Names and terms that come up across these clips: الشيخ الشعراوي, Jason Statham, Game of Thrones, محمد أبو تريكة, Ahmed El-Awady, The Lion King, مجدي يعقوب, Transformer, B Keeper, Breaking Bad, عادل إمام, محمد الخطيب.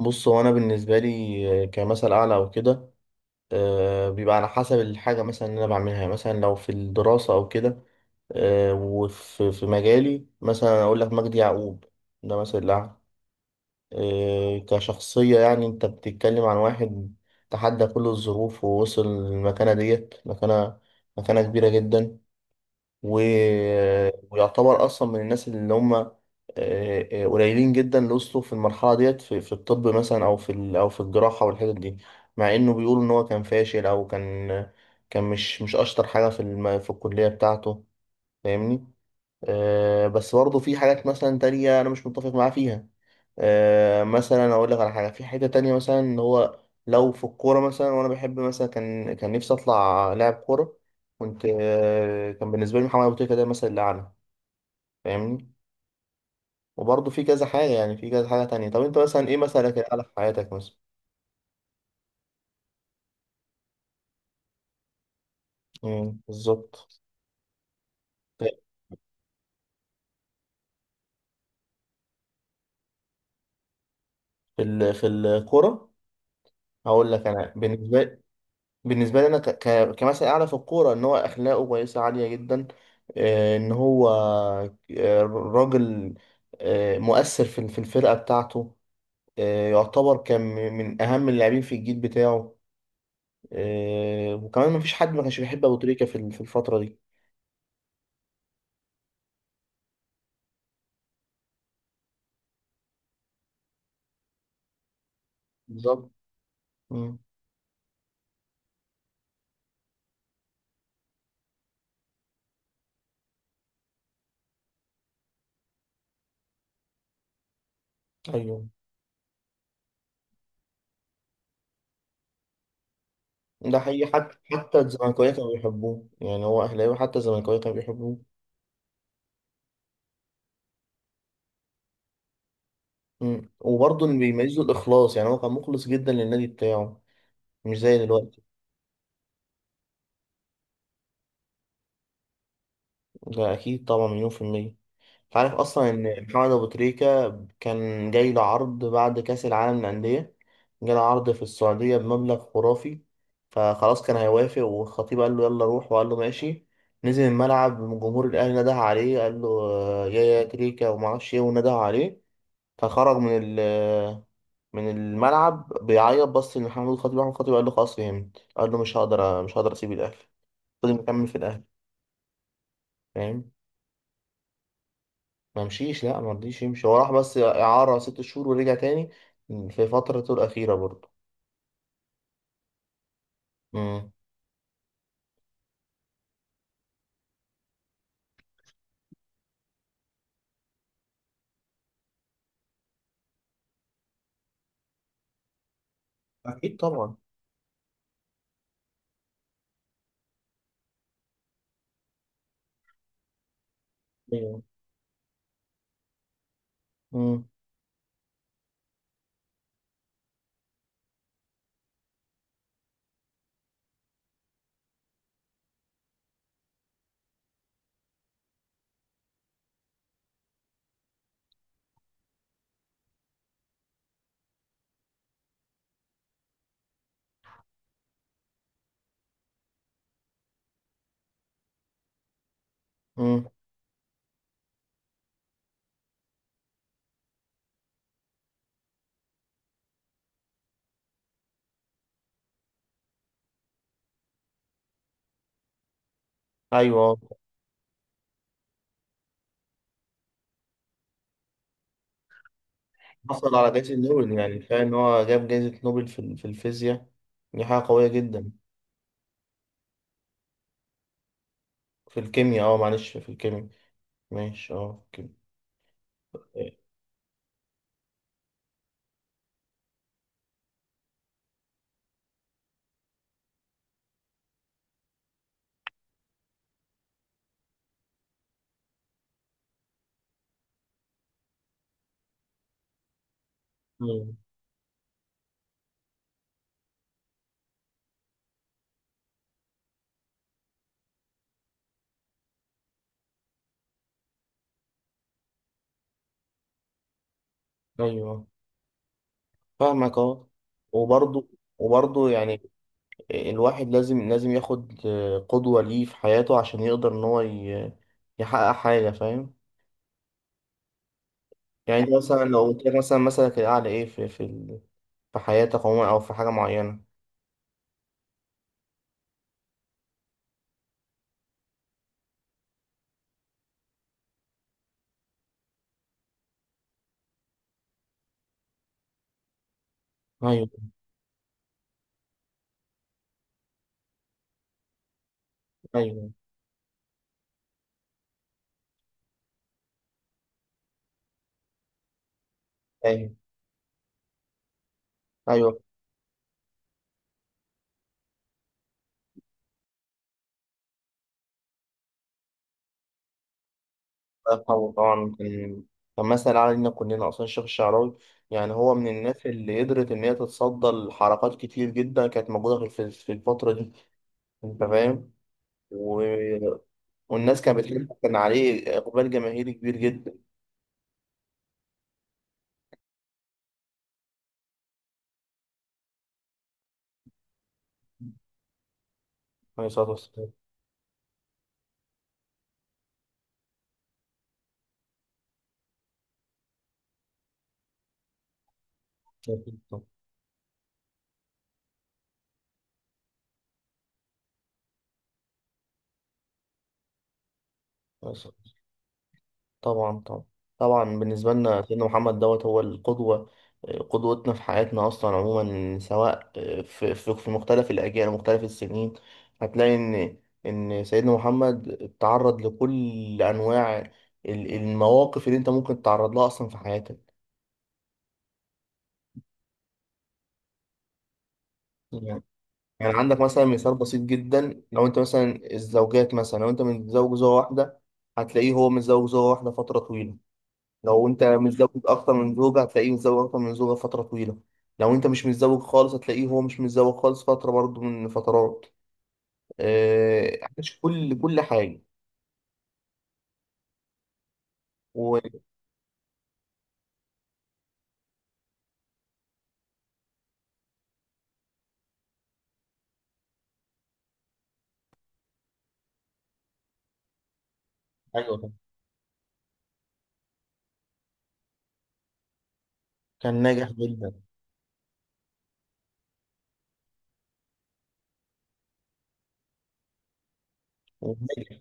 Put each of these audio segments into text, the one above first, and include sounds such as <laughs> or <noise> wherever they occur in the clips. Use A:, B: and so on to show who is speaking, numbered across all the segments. A: بص هو انا بالنسبه لي كمثل اعلى او كده، بيبقى على حسب الحاجه مثلا اللي انا بعملها. يعني مثلا لو في الدراسه او كده، آه، وفي في مجالي مثلا اقول لك مجدي يعقوب ده مثل اعلى، كشخصيه. يعني انت بتتكلم عن واحد تحدى كل الظروف ووصل للمكانه ديت، مكانه كبيره جدا و... ويعتبر اصلا من الناس اللي هم قليلين جدا اللي وصلوا في المرحله ديت في الطب مثلا او في الجراحه والحتت دي، مع انه بيقول ان هو كان فاشل او كان، كان مش اشطر حاجه في الكليه بتاعته. فاهمني؟ بس برضه في حاجات مثلا تانية أنا مش متفق معاه فيها. مثلا أقول لك على حاجة في حتة تانية، مثلا إن هو لو في الكورة مثلا، وأنا بحب مثلا، كان نفسي أطلع لاعب كورة، كنت كان بالنسبة لي محمد أبو تريكة ده مثلا الأعلى. فاهمني؟ وبرضه في كذا حاجة، يعني في كذا حاجة تانية. طب أنت مثلا إيه مثلك الأعلى في حياتك مثلا؟ مم، بالظبط. في في الكورة هقول لك. أنا بالنسبة، بالنسبه لي انا كمثل اعلى في الكوره ان هو اخلاقه كويسه عاليه جدا، ان هو راجل مؤثر في الفرقه بتاعته، يعتبر كان من اهم اللاعبين في الجيل بتاعه، وكمان مفيش حد ما كانش بيحب ابو تريكه في الفتره دي. بالظبط. مم. ايوه. ده حقيقي، حتى حتى الزملكاويه كانوا بيحبوه، يعني هو اهلاوي حتى الزملكاويه كانوا بيحبوه. مم. وبرضه اللي بيميزه الاخلاص، يعني هو كان مخلص جدا للنادي بتاعه، مش زي دلوقتي. ده أكيد طبعا، مليون في المية. أنت عارف أصلا إن محمد أبو تريكة كان جاي له عرض بعد كأس العالم للأندية، جاله عرض في السعودية بمبلغ خرافي، فخلاص كان هيوافق، والخطيب قال له يلا روح، وقال له ماشي. نزل الملعب، جمهور الأهلي نده عليه، قال له آه، يا يا تريكة ومعرفش إيه، ونده عليه، فخرج من ال آه، من الملعب بيعيط. بص لمحمد الخطيب، محمد الخطيب قال له خلاص فهمت، قال له مش هقدر أسيب الأهلي، فضل مكمل في الأهلي. فاهم؟ ما مشيش، لا ما رضيش يمشي، هو راح بس إعارة ست شهور ورجع تاني في فترته الأخيرة برضه. امم. أكيد طبعا. ايوه. امم. امم. ايوه. حصل على جائزة نوبل، يعني كفاية إن هو جاب جائزة نوبل في الفيزياء، دي حاجة قوية جدا. في الكيمياء؟ اه معلش، في الكيمياء. ماشي اه، في الكيمياء. أمم. ايوه. فاهمك اه. وبرضه وبرضه يعني الواحد لازم ياخد قدوة ليه في حياته، عشان يقدر إن هو يحقق حاجة. فاهم؟ يعني انت مثلا لو قلت لك مثلا مثلك الأعلى إيه في في حياتك عموما، أو في حاجة معينة. أيوه. أيوه. أيوه. أيوه. الله يرحمه طبعا، كان كان مثل علينا كلنا أصلا الشيخ الشعراوي. يعني هو من الناس اللي قدرت إن هي تتصدى لحركات كتير جدا كانت موجودة في الفترة دي. أنت فاهم؟ و... والناس كانت بتحب، كان عليه إقبال جماهيري كبير جدا. عليه الصلاة والسلام. طبعا طبعا طبعا. بالنسبة لنا سيدنا محمد دوت هو القدوة، قدوتنا في حياتنا أصلا عموما، سواء في مختلف الأجيال ومختلف السنين. هتلاقي إن سيدنا محمد تعرض لكل أنواع المواقف اللي أنت ممكن تتعرض لها أصلا في حياتك. يعني يعني عندك مثلا مثال بسيط جدا، لو أنت مثلا الزوجات، مثلا لو أنت متزوج زوجة واحدة، هتلاقيه هو متزوج زوجة واحدة فترة طويلة. لو انت متزوج اكتر من زوجة هتلاقيه متزوج اكتر من زوجة فترة طويلة. لو انت مش متزوج خالص هتلاقيه هو مش متزوج خالص فترة، برضو من فترات، عاش كل حاجة و... ايوه طبعا. كان ناجح جدا. وناجح.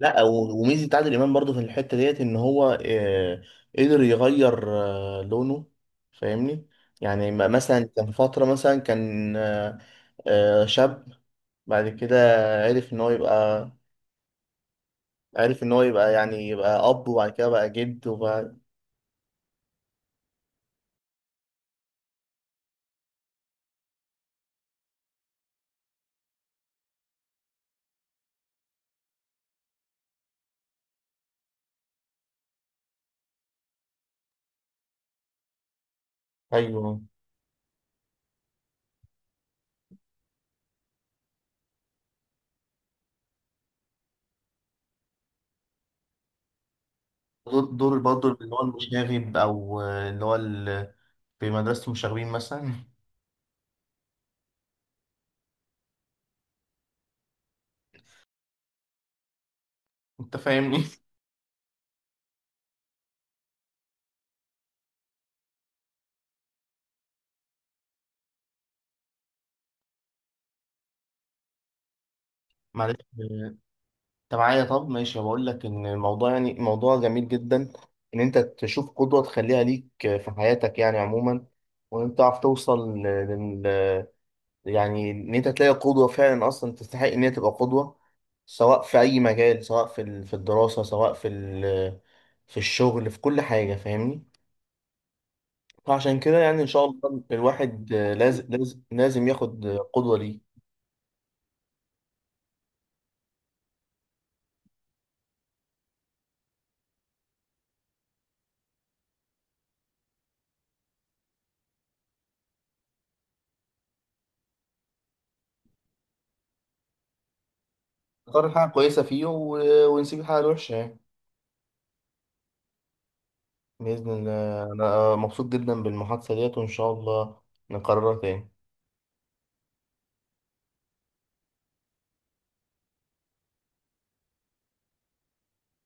A: لا، وميزة عادل امام برضو في الحتة ديت ان هو قدر يغير لونه. فاهمني؟ يعني مثلا كان فترة مثلا كان شاب، بعد كده عرف ان هو يبقى، عرف ان هو يبقى يعني يبقى اب، وبعد كده بقى جد وبقى، ايوه. دور برضه اللي هو المشاغب او اللي هو في مدرسة المشاغبين مثلا. انت فاهمني؟ <laughs> معلش. انت معايا؟ طب ماشي، بقول لك ان الموضوع يعني موضوع جميل جدا، ان انت تشوف قدوة تخليها ليك في حياتك يعني عموما، وان انت تعرف توصل، يعني ان انت تلاقي قدوة فعلا اصلا تستحق ان هي تبقى قدوة، سواء في اي مجال، سواء في الدراسة، سواء في الشغل، في كل حاجة. فاهمني؟ فعشان كده يعني ان شاء الله الواحد لازم ياخد قدوة ليه. نختار الحاجة الكويسة فيه ونسيب الحاجة الوحشة يعني. بإذن الله أنا مبسوط جدا بالمحادثة ديت، وإن شاء الله نكررها تاني.